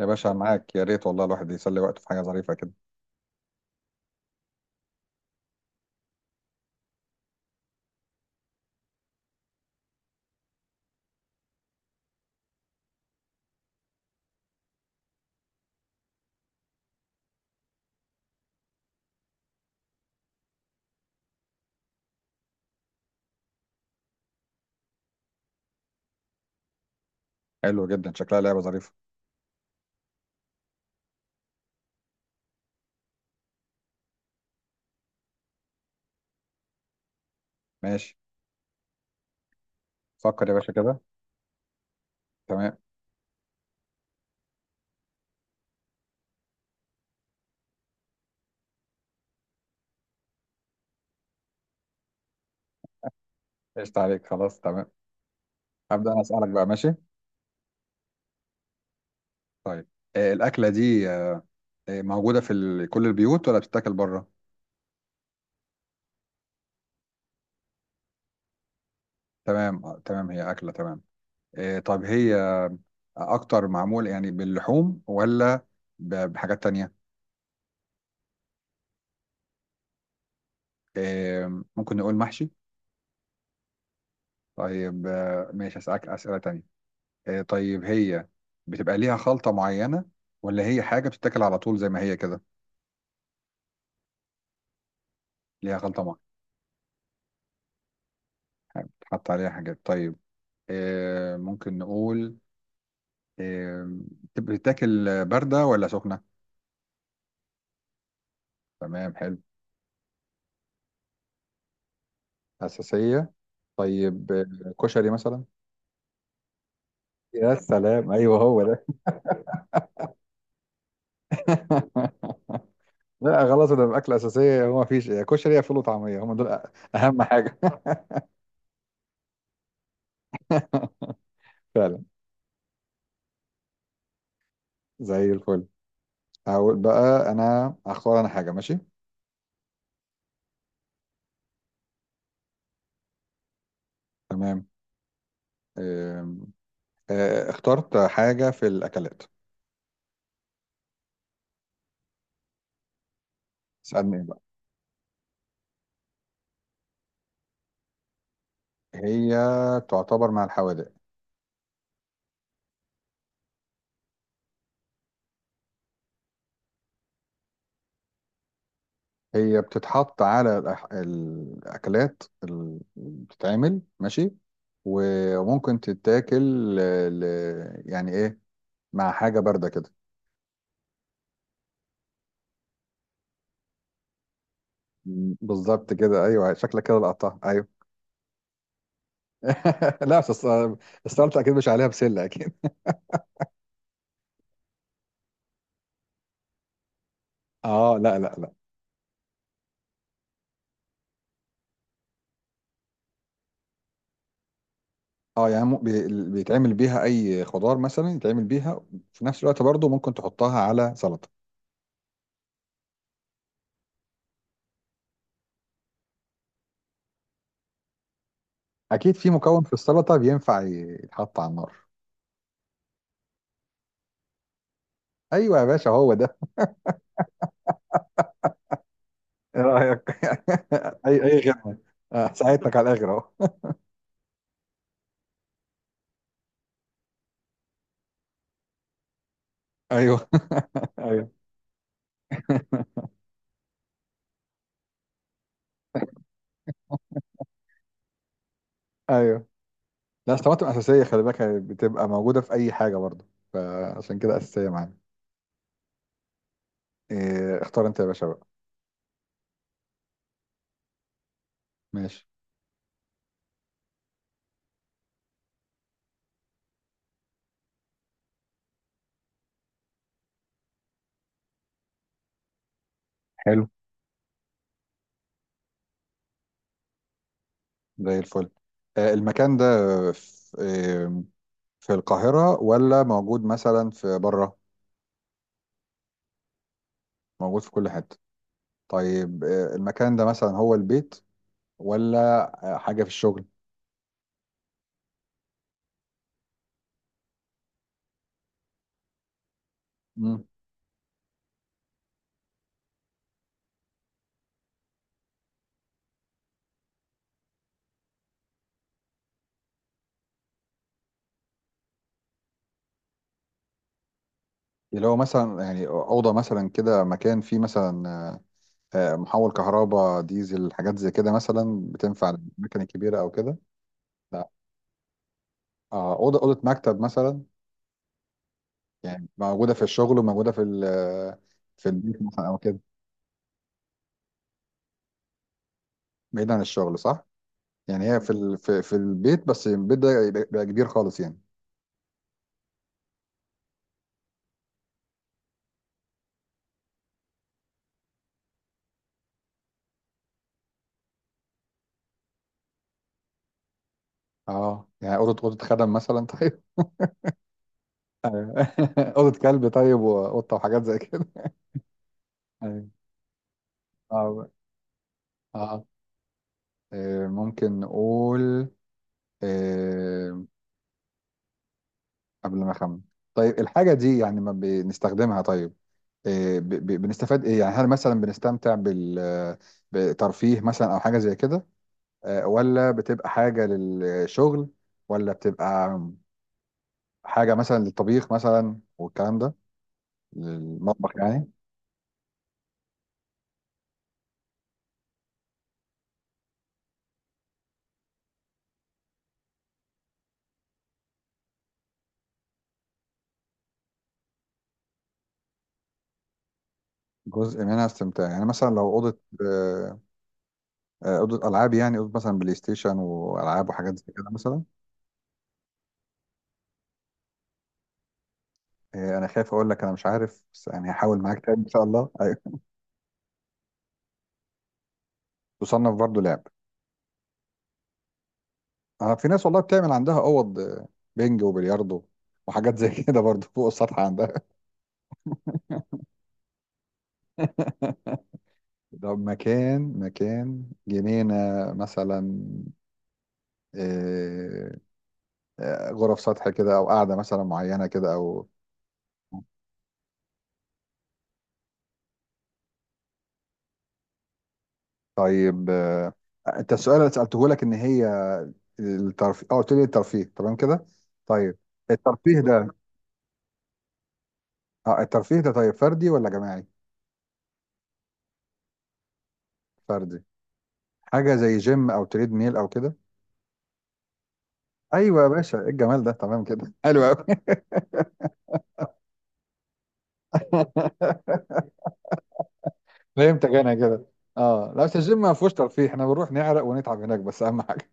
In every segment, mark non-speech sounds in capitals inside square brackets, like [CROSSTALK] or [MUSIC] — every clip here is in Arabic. يا باشا معاك، يا ريت والله. الواحد يسلي وقته في حاجة ظريفة كده. حلو جدا، شكلها لعبة ظريفة. ماشي. فكر يا باشا كده. تمام. قشطة عليك، خلاص تمام. هبدأ أنا أسألك بقى، ماشي. طيب، الأكلة دي موجودة في كل البيوت ولا بتتاكل بره؟ تمام، تمام، هي أكلة، تمام. طب هي أكتر معمول يعني باللحوم ولا بحاجات تانية؟ ممكن نقول محشي؟ طيب، ماشي أسألك أسئلة تانية. طيب، هي بتبقى ليها خلطة معينة ولا هي حاجة بتتاكل على طول زي ما هي كده؟ ليها خلطة معينة. تحط عليها حاجات، طيب. ممكن نقول آه، بتتاكل باردة ولا سخنة؟ تمام، حلو. أساسية، طيب، كشري مثلا؟ يا سلام، ايوه هو ده. [LAUGHS] لا خلاص، ده الاكل اساسيه، هو ما فيش يا كشري يا فول وطعميه، هم دول اهم حاجه. [LAUGHS] فعلا. زي الفل. هقول بقى، انا هختار انا حاجه، ماشي. تمام. آه، اخترت حاجة في الأكلات. اسألني إيه بقى؟ هي تعتبر مع الحوادق. هي بتتحط على الأكلات اللي بتتعمل، ماشي. وممكن تتاكل يعني إيه، مع حاجة باردة كده. بالظبط كده، أيوه شكلك كده لقطتها، أيوه. [LAUGHS] لا بس السلطة أكيد مش عليها بسلة، أكيد. أه لا لا لا. اه يعني بيتعمل بيها اي خضار مثلا، يتعمل بيها في نفس الوقت برضو ممكن تحطها على سلطة. اكيد في مكون في السلطه بينفع يتحط على النار. ايوه يا باشا، هو ده. ايه رايك؟ [LAUGHS] اي خدمه. ساعدتك على الاخر اهو. ايوه [LAUGHS] ايوه. ايوه. لا أصل الطماطم اساسيه، خلي بالك، هي بتبقى موجوده في اي حاجه برضو، فعشان كده اساسيه معانا. إيه، اختار انت يا باشا بقى. ماشي. حلو. زي الفل. المكان ده في آه، في القاهره ولا موجود مثلا في بره؟ موجود في كل حته. طيب، المكان ده مثلا هو البيت ولا حاجة في الشغل؟ مم. اللي هو مثلا يعني أوضة مثلا كده، مكان فيه مثلا محول كهرباء ديزل، حاجات زي كده مثلا بتنفع للأماكن الكبيرة أو كده. لا. أوضة مكتب مثلا؟ يعني موجودة في الشغل وموجودة في في البيت مثلا أو كده. بعيد عن الشغل، صح؟ يعني هي في في البيت، بس البيت ده يبقى كبير خالص يعني. اه يعني أوضة خدم مثلا، طيب؟ [LAUGHS] أيوة. [LAUGHS] أوضة كلب طيب، وقطة وحاجات زي كده. ايوه. اه. آه. ممكن نقول آه، قبل ما أخمن. طيب، الحاجة دي يعني ما بنستخدمها؟ طيب، بنستفاد إيه يعني؟ هل مثلا بنستمتع بترفيه مثلا أو حاجة زي كده، ولا بتبقى حاجة للشغل، ولا بتبقى حاجة مثلا للطبيخ مثلا والكلام ده، للمطبخ يعني؟ جزء منها استمتاع، يعني مثلا لو أوضة آه، أوضة ألعاب يعني، أوضة مثلا بلاي ستيشن وألعاب وحاجات زي كده مثلا؟ إيه، انا خايف اقول لك انا مش عارف، بس يعني هحاول معاك تاني ان شاء الله، ايوه. تصنف برضو لعب. اه في ناس والله بتعمل عندها اوض بينج وبلياردو وحاجات زي كده برضو فوق السطح عندها. [LAUGHS] طب، مكان جنينة مثلا؟ إيه، غرف سطح كده، او قاعدة مثلا معينة كده، او طيب انت السؤال اللي سألته لك ان هي الترفيه، قلت لي الترفيه، تمام كده، طيب. الترفيه ده، اه الترفيه ده طيب فردي ولا جماعي؟ فردي. حاجه زي جيم او تريد ميل او كده؟ ايوه يا باشا، ايه الجمال ده، تمام كده، حلو قوي. [LAUGHS] فهمتك انا كده. اه لا بس الجيم ما فيهوش ترفيه، احنا بنروح نعرق ونتعب هناك بس، اهم حاجه.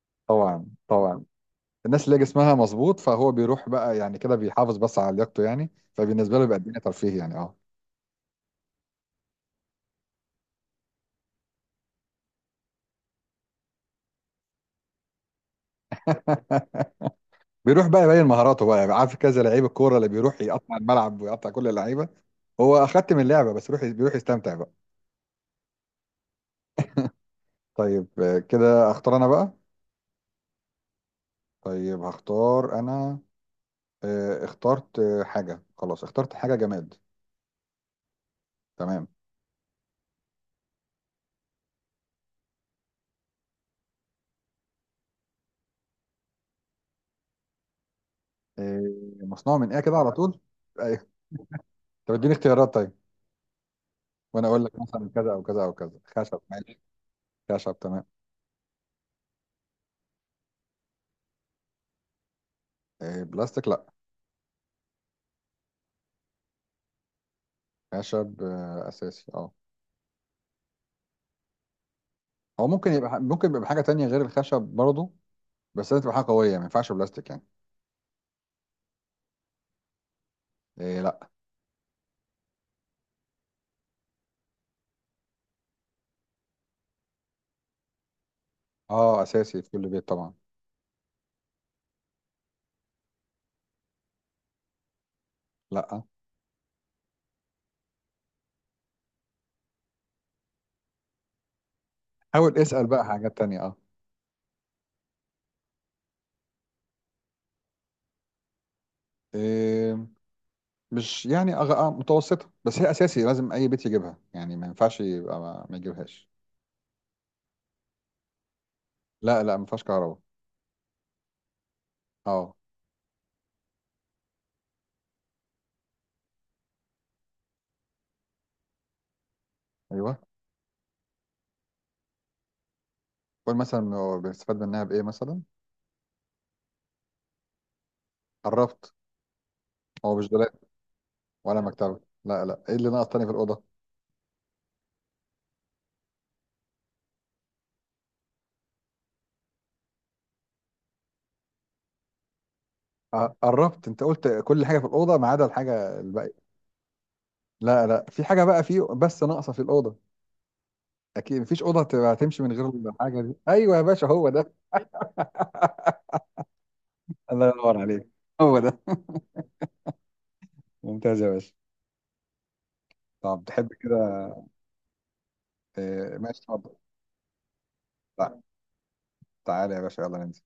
[LAUGHS] طبعا طبعا. الناس اللي جسمها مظبوط، فهو بيروح بقى يعني كده بيحافظ بس على لياقته يعني، فبالنسبه له بيبقى الدنيا ترفيه يعني، اه. [LAUGHS] بيروح بقى يبين مهاراته بقى، يعني عارف كذا لعيب الكوره اللي بيروح يقطع الملعب ويقطع كل اللعيبه. هو اخدت من اللعبه بس، بيروح يستمتع بقى. طيب، كده اختار انا بقى. طيب هختار انا. اخترت حاجة، خلاص اخترت حاجة جماد. تمام. آه، مصنوع من ايه كده على طول؟ ايوه. طب اديني اختيارات، طيب، وانا اقول لك مثلا كذا او كذا او كذا. خشب، ماشي؟ خشب، تمام. بلاستيك لا. خشب اساسي، اه. هو ممكن يبقى حاجة تانية غير الخشب برضه، بس لازم تبقى حاجة قوية، يعني ما ينفعش بلاستيك يعني. إيه لا. اه اساسي في كل بيت طبعا. لا. حاول اسأل بقى حاجات تانية، اه. إيه مش يعني متوسطة، بس هي اساسي لازم اي بيت يجيبها يعني، ما ينفعش يبقى ما يجيبهاش. لا لا ما فيهاش كهرباء. اه ايوه. قول مثلا هو بيستفاد منها بايه مثلا. قربت. هو مش دولاب ولا مكتبه. لا لا، ايه اللي ناقص تاني في الاوضه؟ قربت، انت قلت كل حاجه في الاوضه ما عدا الحاجه الباقيه. لا لا، في حاجه بقى في بس ناقصه في الاوضه، اكيد مفيش اوضه تبقى تمشي من غير الحاجه دي. ايوه يا باشا، هو ده. الله ينور عليك. هو ده. [LAUGHS] ممتاز يا باشا. طب، تحب كده؟ ماشي، اتفضل. تع- تعالى يا باشا، يلا ننزل.